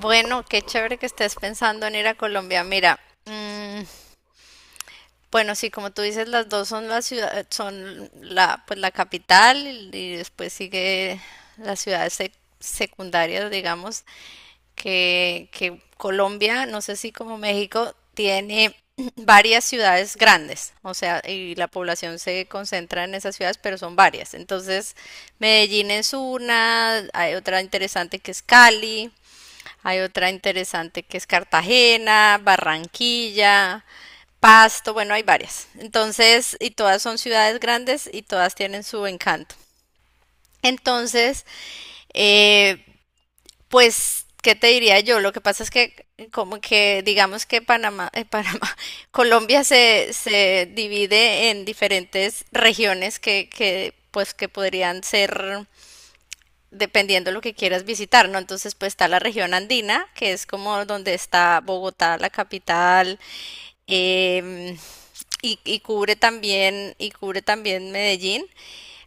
Bueno, qué chévere que estés pensando en ir a Colombia. Mira, bueno, sí, como tú dices, las dos son la ciudad, son la, pues la capital y después sigue las ciudades secundarias, digamos, que Colombia, no sé si como México, tiene varias ciudades grandes, o sea, y la población se concentra en esas ciudades, pero son varias. Entonces, Medellín es una, hay otra interesante que es Cali, hay otra interesante que es Cartagena, Barranquilla, Pasto, bueno, hay varias. Entonces, y todas son ciudades grandes y todas tienen su encanto. Entonces, eh, pues, ¿qué te diría yo? Lo que pasa es que como que digamos que Panamá, Panamá, Colombia se divide en diferentes regiones que pues que podrían ser dependiendo lo que quieras visitar, ¿no? Entonces, pues está la región andina, que es como donde está Bogotá, la capital, em, y cubre también, y cubre también Medellín.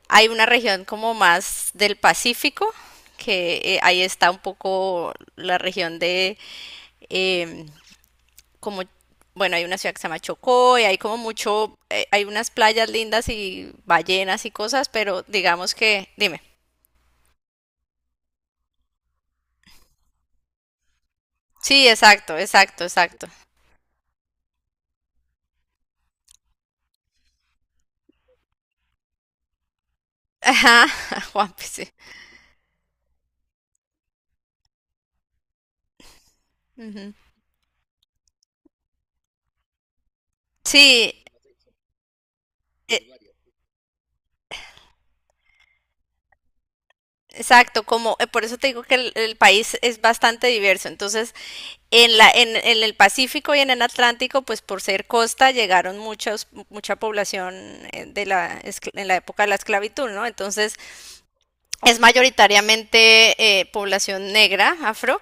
Hay una región como más del Pacífico, que ahí está un poco la región de em, como bueno, hay una ciudad que se llama Chocó y hay como mucho, hay unas playas lindas y ballenas y cosas, pero digamos que, dime. Sí, exacto, exacto, exacto. Ajá, Juanpi, sí. Ujú. Sí, e- exacto, como por eso te digo que el país es bastante diverso. Entonces, en en el Pacífico y en el Atlántico, pues por ser costa, llegaron muchos, mucha población de en la época de la esclavitud, ¿no? Entonces, es mayoritariamente población negra, afro.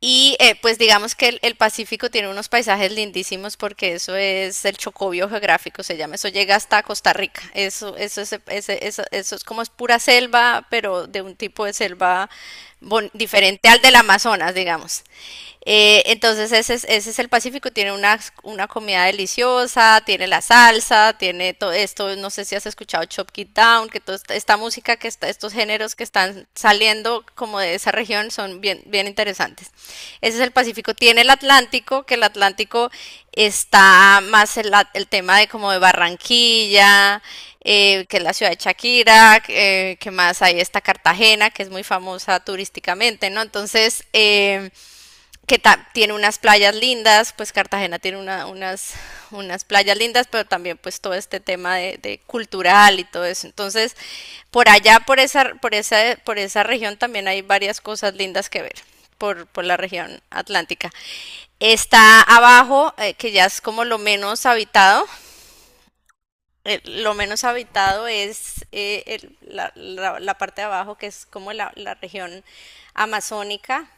Y pues digamos que el Pacífico tiene unos paisajes lindísimos porque eso es el chocobio geográfico, se llama, eso llega hasta Costa Rica, eso es como es pura selva, pero de un tipo de selva diferente al del Amazonas, digamos. Entonces ese es el Pacífico, tiene una comida deliciosa, tiene la salsa, tiene todo esto, no sé si has escuchado Chop It Down, que toda esta música que está, estos géneros que están saliendo como de esa región son bien, bien interesantes. Ese es el Pacífico. Tiene el Atlántico, que el Atlántico está más el tema de como de Barranquilla, que es la ciudad de Shakira, que más ahí está Cartagena, que es muy famosa turísticamente, ¿no? Entonces, que tiene unas playas lindas, pues Cartagena tiene unas, unas playas lindas, pero también pues todo este tema de cultural y todo eso. Entonces, por allá, por esa región también hay varias cosas lindas que ver. Por la región atlántica. Está abajo, que ya es como lo menos habitado. Lo menos habitado es la parte de abajo, que es como la región amazónica,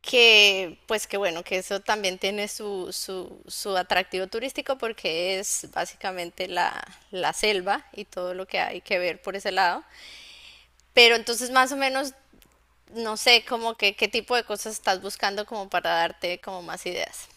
que pues que bueno, que eso también tiene su atractivo turístico porque es básicamente la selva y todo lo que hay que ver por ese lado. Pero entonces más o menos, no sé, como que qué tipo de cosas estás buscando como para darte como más ideas.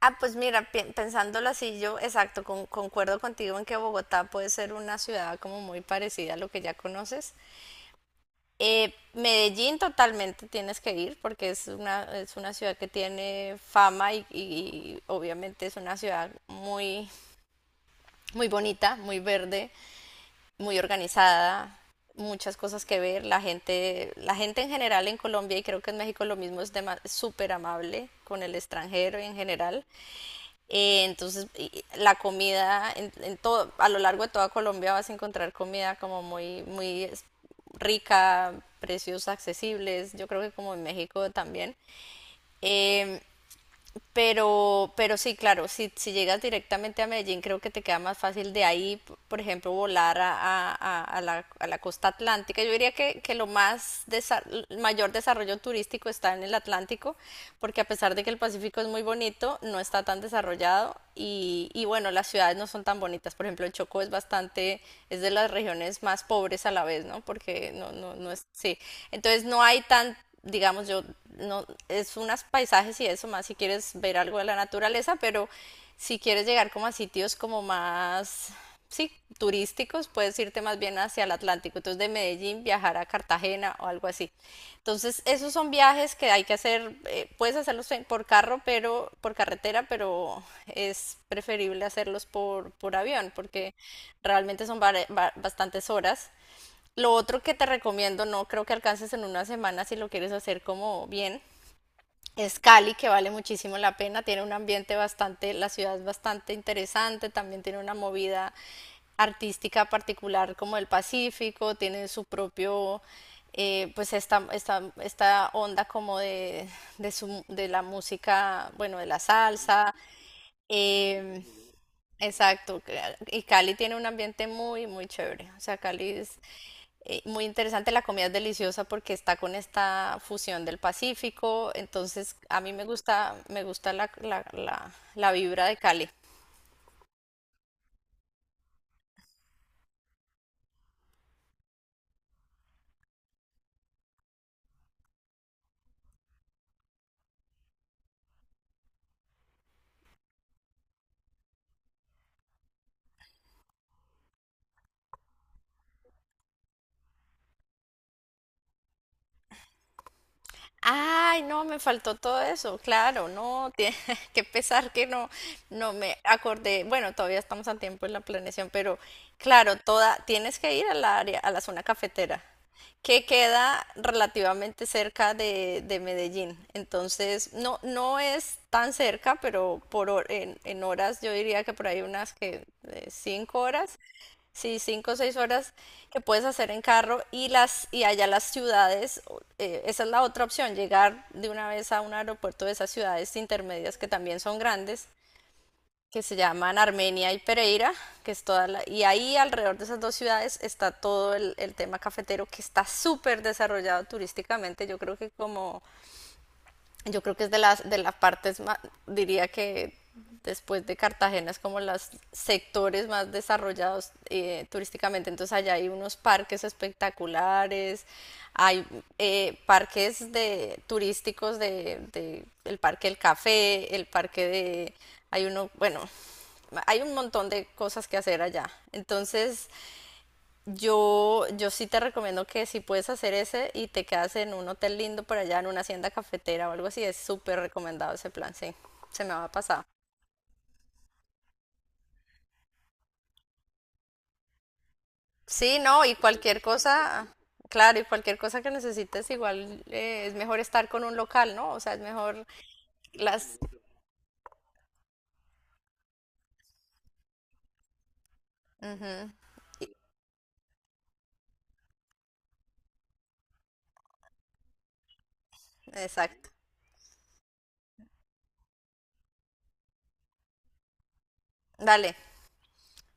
Ah, pues mira, pensándolo así, yo exacto, concuerdo contigo en que Bogotá puede ser una ciudad como muy parecida a lo que ya conoces. Medellín totalmente tienes que ir porque es una ciudad que tiene fama y obviamente es una ciudad muy, muy bonita, muy verde, muy organizada, muchas cosas que ver. La gente en general en Colombia y creo que en México lo mismo es súper amable con el extranjero y en general. Entonces, la comida en todo, a lo largo de toda Colombia vas a encontrar comida como muy, muy rica, precios accesibles. Yo creo que como en México también. Em, pero sí, claro, si llegas directamente a Medellín, creo que te queda más fácil de ahí, por ejemplo, volar a, a la costa atlántica. Yo diría que lo más el mayor desarrollo turístico está en el Atlántico, porque a pesar de que el Pacífico es muy bonito, no está tan desarrollado y bueno, las ciudades no son tan bonitas. Por ejemplo, el Chocó es bastante, es de las regiones más pobres a la vez, ¿no? Porque no, no, no es, sí. Entonces no hay tan digamos, yo no, es unos paisajes y eso más si quieres ver algo de la naturaleza, pero si quieres llegar como a sitios como más, sí, turísticos, puedes irte más bien hacia el Atlántico, entonces de Medellín viajar a Cartagena o algo así. Entonces, esos son viajes que hay que hacer, puedes hacerlos por carro, pero por carretera, pero es preferible hacerlos por avión, porque realmente son bastantes horas. Lo otro que te recomiendo, no creo que alcances en una semana si lo quieres hacer como bien, es Cali, que vale muchísimo la pena, tiene un ambiente bastante, la ciudad es bastante interesante, también tiene una movida artística particular como el Pacífico, tiene su propio, pues esta onda como de la música, bueno, de la salsa, em, exacto, y Cali tiene un ambiente muy, muy chévere, o sea, Cali es, muy interesante, la comida es deliciosa porque está con esta fusión del Pacífico, entonces a mí me gusta la vibra de Cali. Ay, no, me faltó todo eso, claro, no, tiene que pesar que no, no me acordé, bueno, todavía estamos a tiempo en la planeación, pero claro, toda, tienes que ir a la área, a la zona cafetera, que queda relativamente cerca de Medellín, entonces no, no es tan cerca, pero en horas yo diría que por ahí unas que 5 horas. Sí, 5 o 6 horas que puedes hacer en carro y las y allá las ciudades, esa es la otra opción, llegar de una vez a un aeropuerto de esas ciudades intermedias que también son grandes, que se llaman Armenia y Pereira, que es toda la, y ahí alrededor de esas dos ciudades está todo el tema cafetero que está súper desarrollado turísticamente, yo creo que como yo creo que es de las partes más, diría que después de Cartagena es como los sectores más desarrollados turísticamente. Entonces allá hay unos parques espectaculares, hay parques de turísticos el Parque del Café, el parque de, hay uno, bueno, hay un montón de cosas que hacer allá. Entonces yo sí te recomiendo que si puedes hacer ese y te quedas en un hotel lindo por allá, en una hacienda cafetera o algo así, es súper recomendado ese plan, sí, se me va a pasar. Sí, no, y cualquier cosa, claro, y cualquier cosa que necesites, igual es mejor estar con un local, ¿no? O sea, es mejor las... Ujú, exacto. Dale,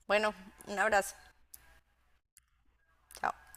bueno, un abrazo. Chao.